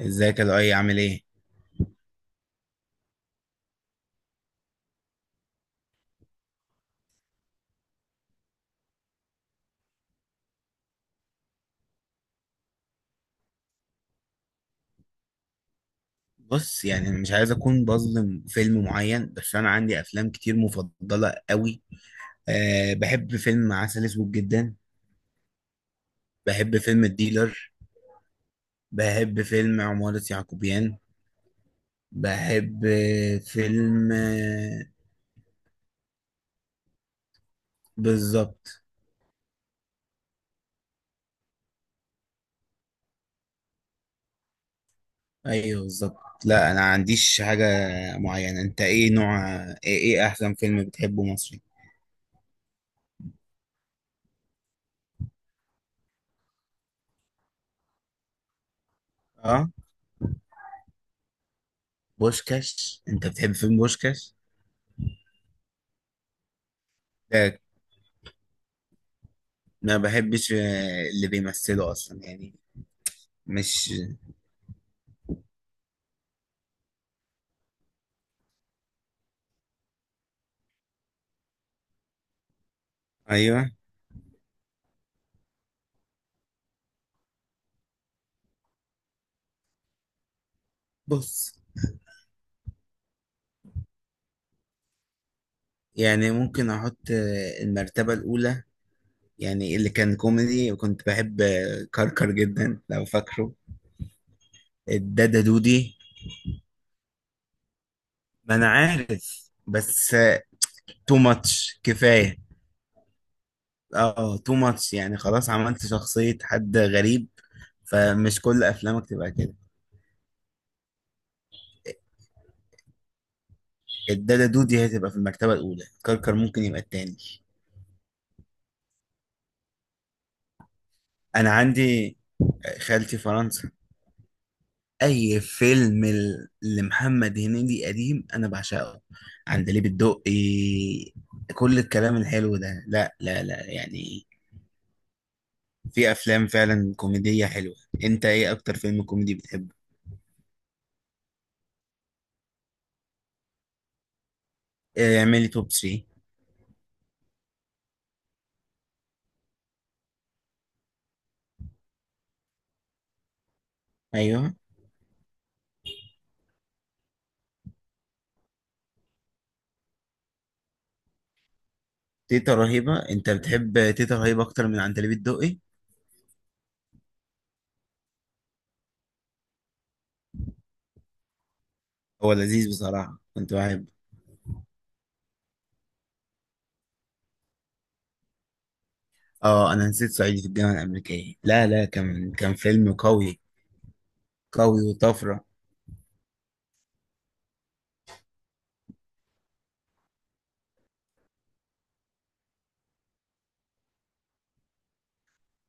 ازيك يا لؤي عامل ايه؟ بص يعني أنا مش عايز اكون بظلم فيلم معين، بس انا عندي افلام كتير مفضله قوي. أه، بحب فيلم عسل اسود جدا. بحب فيلم الديلر. بحب فيلم عمارة يعقوبيان. بحب فيلم. بالظبط. ايوه بالظبط. لا انا عنديش حاجه معينه. انت ايه نوع ايه, ايه احسن فيلم بتحبه مصري؟ اه. بوشكاش، انت بتحب فيلم بوشكاش؟ ما بحبش اللي بيمثله اصلا يعني. مش. ايوه. بص يعني ممكن احط المرتبة الاولى. يعني اللي كان كوميدي وكنت بحب كركر جدا لو فاكره. الدادا دودي. ما انا عارف بس. تو ماتش كفاية. اه، تو ماتش يعني خلاص عملت شخصية حد غريب. فمش كل افلامك تبقى كده. الدادا دودي هتبقى في المرتبة الاولى، كركر ممكن يبقى التاني. انا عندي خالتي فرنسا. اي فيلم لمحمد هنيدي قديم انا بعشقه. عندليب الدقي. كل الكلام الحلو ده، لا لا لا يعني. في افلام فعلا كوميدية حلوة. انت ايه اكتر فيلم كوميدي بتحبه؟ إيه، اعملي توب 3. ايوه. تيتا رهيبة. انت بتحب تيتا رهيبة اكتر من عندليب الدقي؟ هو لذيذ بصراحة، كنت بحب. اه، انا نسيت صعيدي في الجامعة الامريكية. لا لا كان فيلم قوي. قوي وطفرة.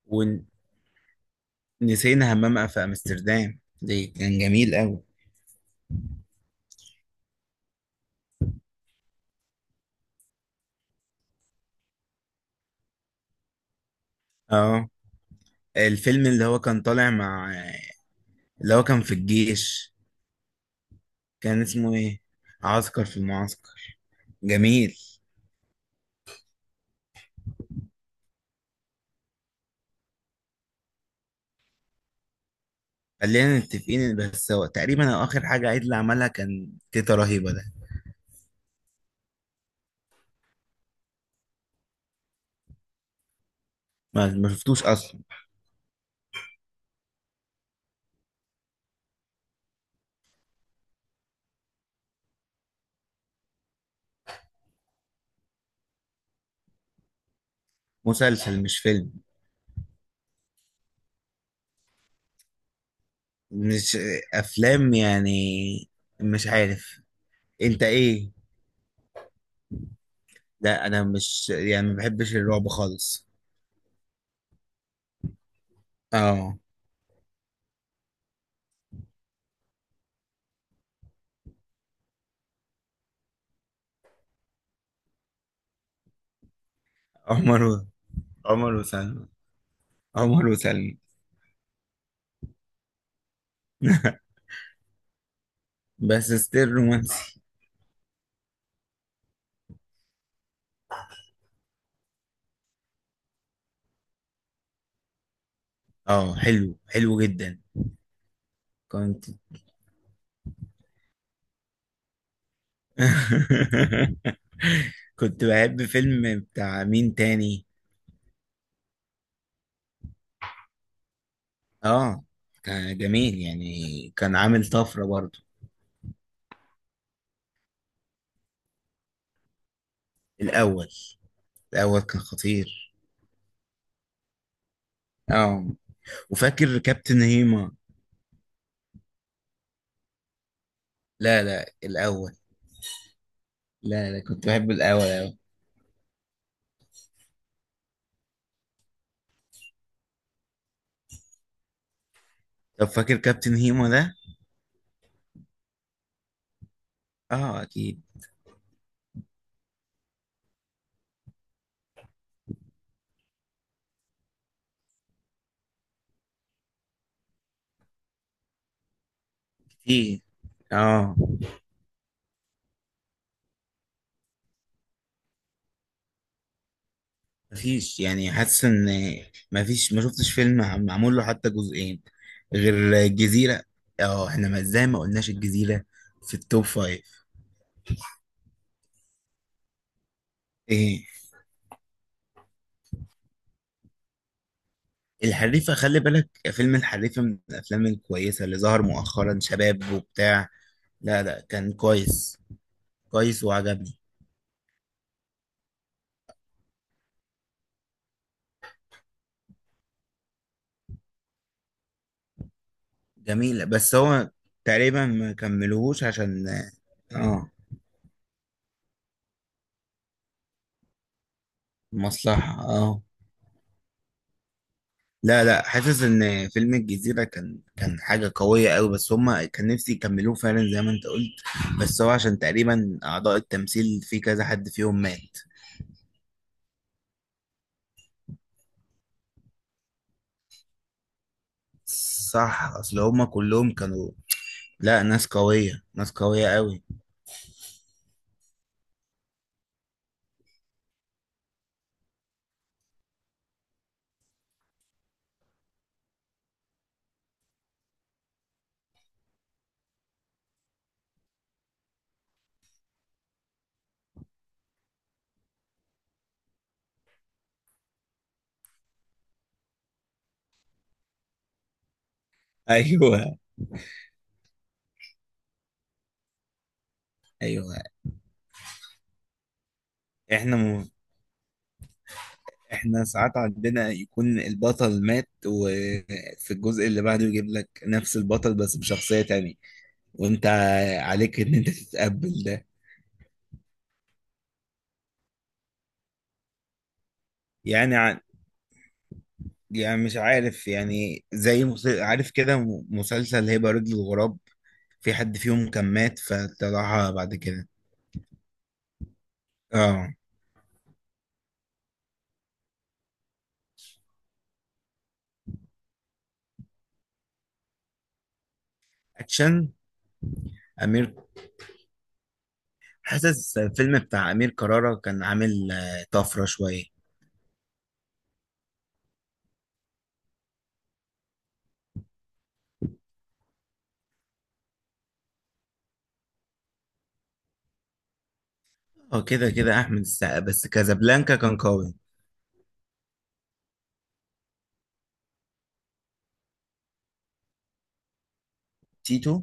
و... نسينا همام في امستردام، دي كان جميل قوي. اه. الفيلم اللي هو كان طالع مع، اللي هو كان في الجيش، كان اسمه ايه؟ عسكر في المعسكر. جميل. خلينا متفقين، بس هو تقريبا هو اخر حاجه عادل عملها كان تيتا رهيبه ده. ما شفتوش اصلا. مسلسل مش فيلم. مش. افلام يعني. مش عارف. انت ايه. لا انا مش يعني ما بحبش الرعب خالص. اه. عمر و- عمر وسلمى. عمر وسلمى بس ستيل رومانسي. اه، حلو حلو جدا. كنت كنت بحب فيلم بتاع مين تاني؟ اه. كان جميل يعني. كان عامل طفرة برضو. الأول. الأول كان خطير. اه. وفاكر كابتن هيما. لا لا الأول. لا لا كنت بحب الأول أوي. طب فاكر كابتن هيما ده؟ اه أكيد. كتير. اه. مفيش يعني حاسس ان، مفيش ما شفتش فيلم معمول له حتى جزئين غير الجزيرة. اه احنا، ما ازاي ما قلناش الجزيرة؟ في التوب فايف. ايه. الحريفة. خلي بالك، فيلم الحريفة من الافلام الكويسة اللي ظهر مؤخرا، شباب وبتاع. لا لا كان كويس. كويس وعجبني. جميل بس هو تقريبا ما كملوهوش عشان. اه، مصلحة. اه. لا لا حاسس ان فيلم الجزيرة كان حاجة قوية قوي، بس هما كان نفسي يكملوه فعلا زي ما انت قلت. بس هو عشان تقريبا اعضاء التمثيل في كذا حد فيهم مات. صح، اصل هما كلهم كانوا. لا، ناس قوية، ناس قوية قوي. ايوه. ايوه. احنا م... احنا ساعات عندنا يكون البطل مات، وفي الجزء اللي بعده يجيب لك نفس البطل بس بشخصية تانية، وانت عليك ان انت تتقبل ده. يعني. يعني مش عارف، يعني زي عارف كده مسلسل هبة رجل الغراب. في حد فيهم كان مات فطلعها بعد كده. اه. اكشن. امير. حاسس الفيلم بتاع امير كرارة كان عامل طفرة شوية. اه كده كده احمد السقا، بس كازابلانكا كان قوي. تيتو.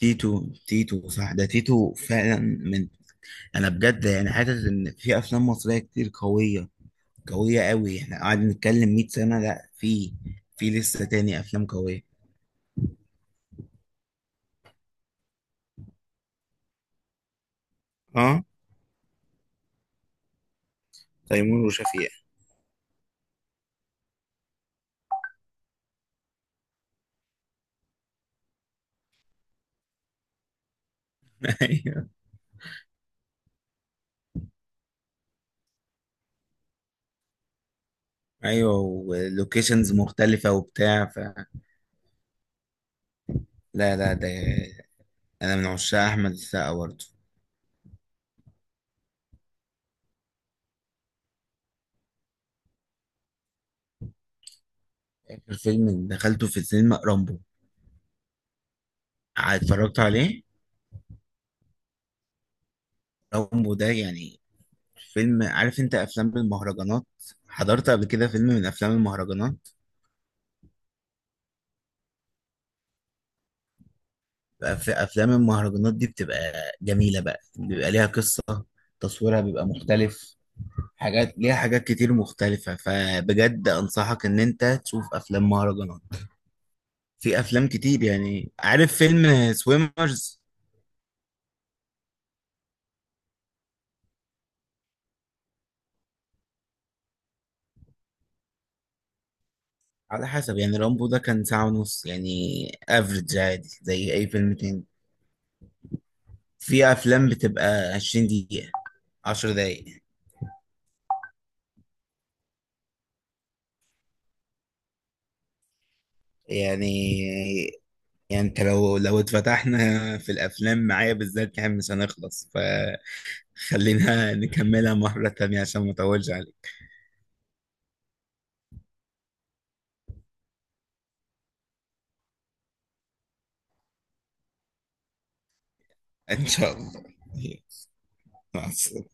تيتو تيتو صح، ده تيتو فعلا من. انا بجد يعني حاسس ان في افلام مصرية كتير قوية. قوية قوي. احنا قاعدين نتكلم 100 سنة، لا. في لسه تاني افلام قوية. اه. تيمور وشفيق. ايوه. ايوه، ولوكيشنز مختلفة وبتاع لا لا ده. انا من عشاق احمد السقا برضه. اخر فيلم دخلته في السينما رامبو. اتفرجت عليه. رامبو ده يعني فيلم. عارف انت افلام المهرجانات؟ حضرت قبل كده فيلم من افلام المهرجانات. بقى في افلام المهرجانات دي، بتبقى جميلة بقى. بيبقى ليها قصة. تصويرها بيبقى مختلف. حاجات ليها، حاجات كتير مختلفة، فبجد انصحك ان انت تشوف افلام مهرجانات. في افلام كتير يعني. عارف فيلم سويمرز؟ على حسب يعني. رامبو ده كان ساعة ونص يعني. افريج عادي زي اي فيلم تاني. في افلام بتبقى 20 دقيقة، 10 دقايق. يعني. يعني انت لو اتفتحنا في الافلام معايا بالذات يعني مش هنخلص. فخلينا نكملها مرة تانية عشان ما اطولش عليك. ان شاء الله. مع السلامة.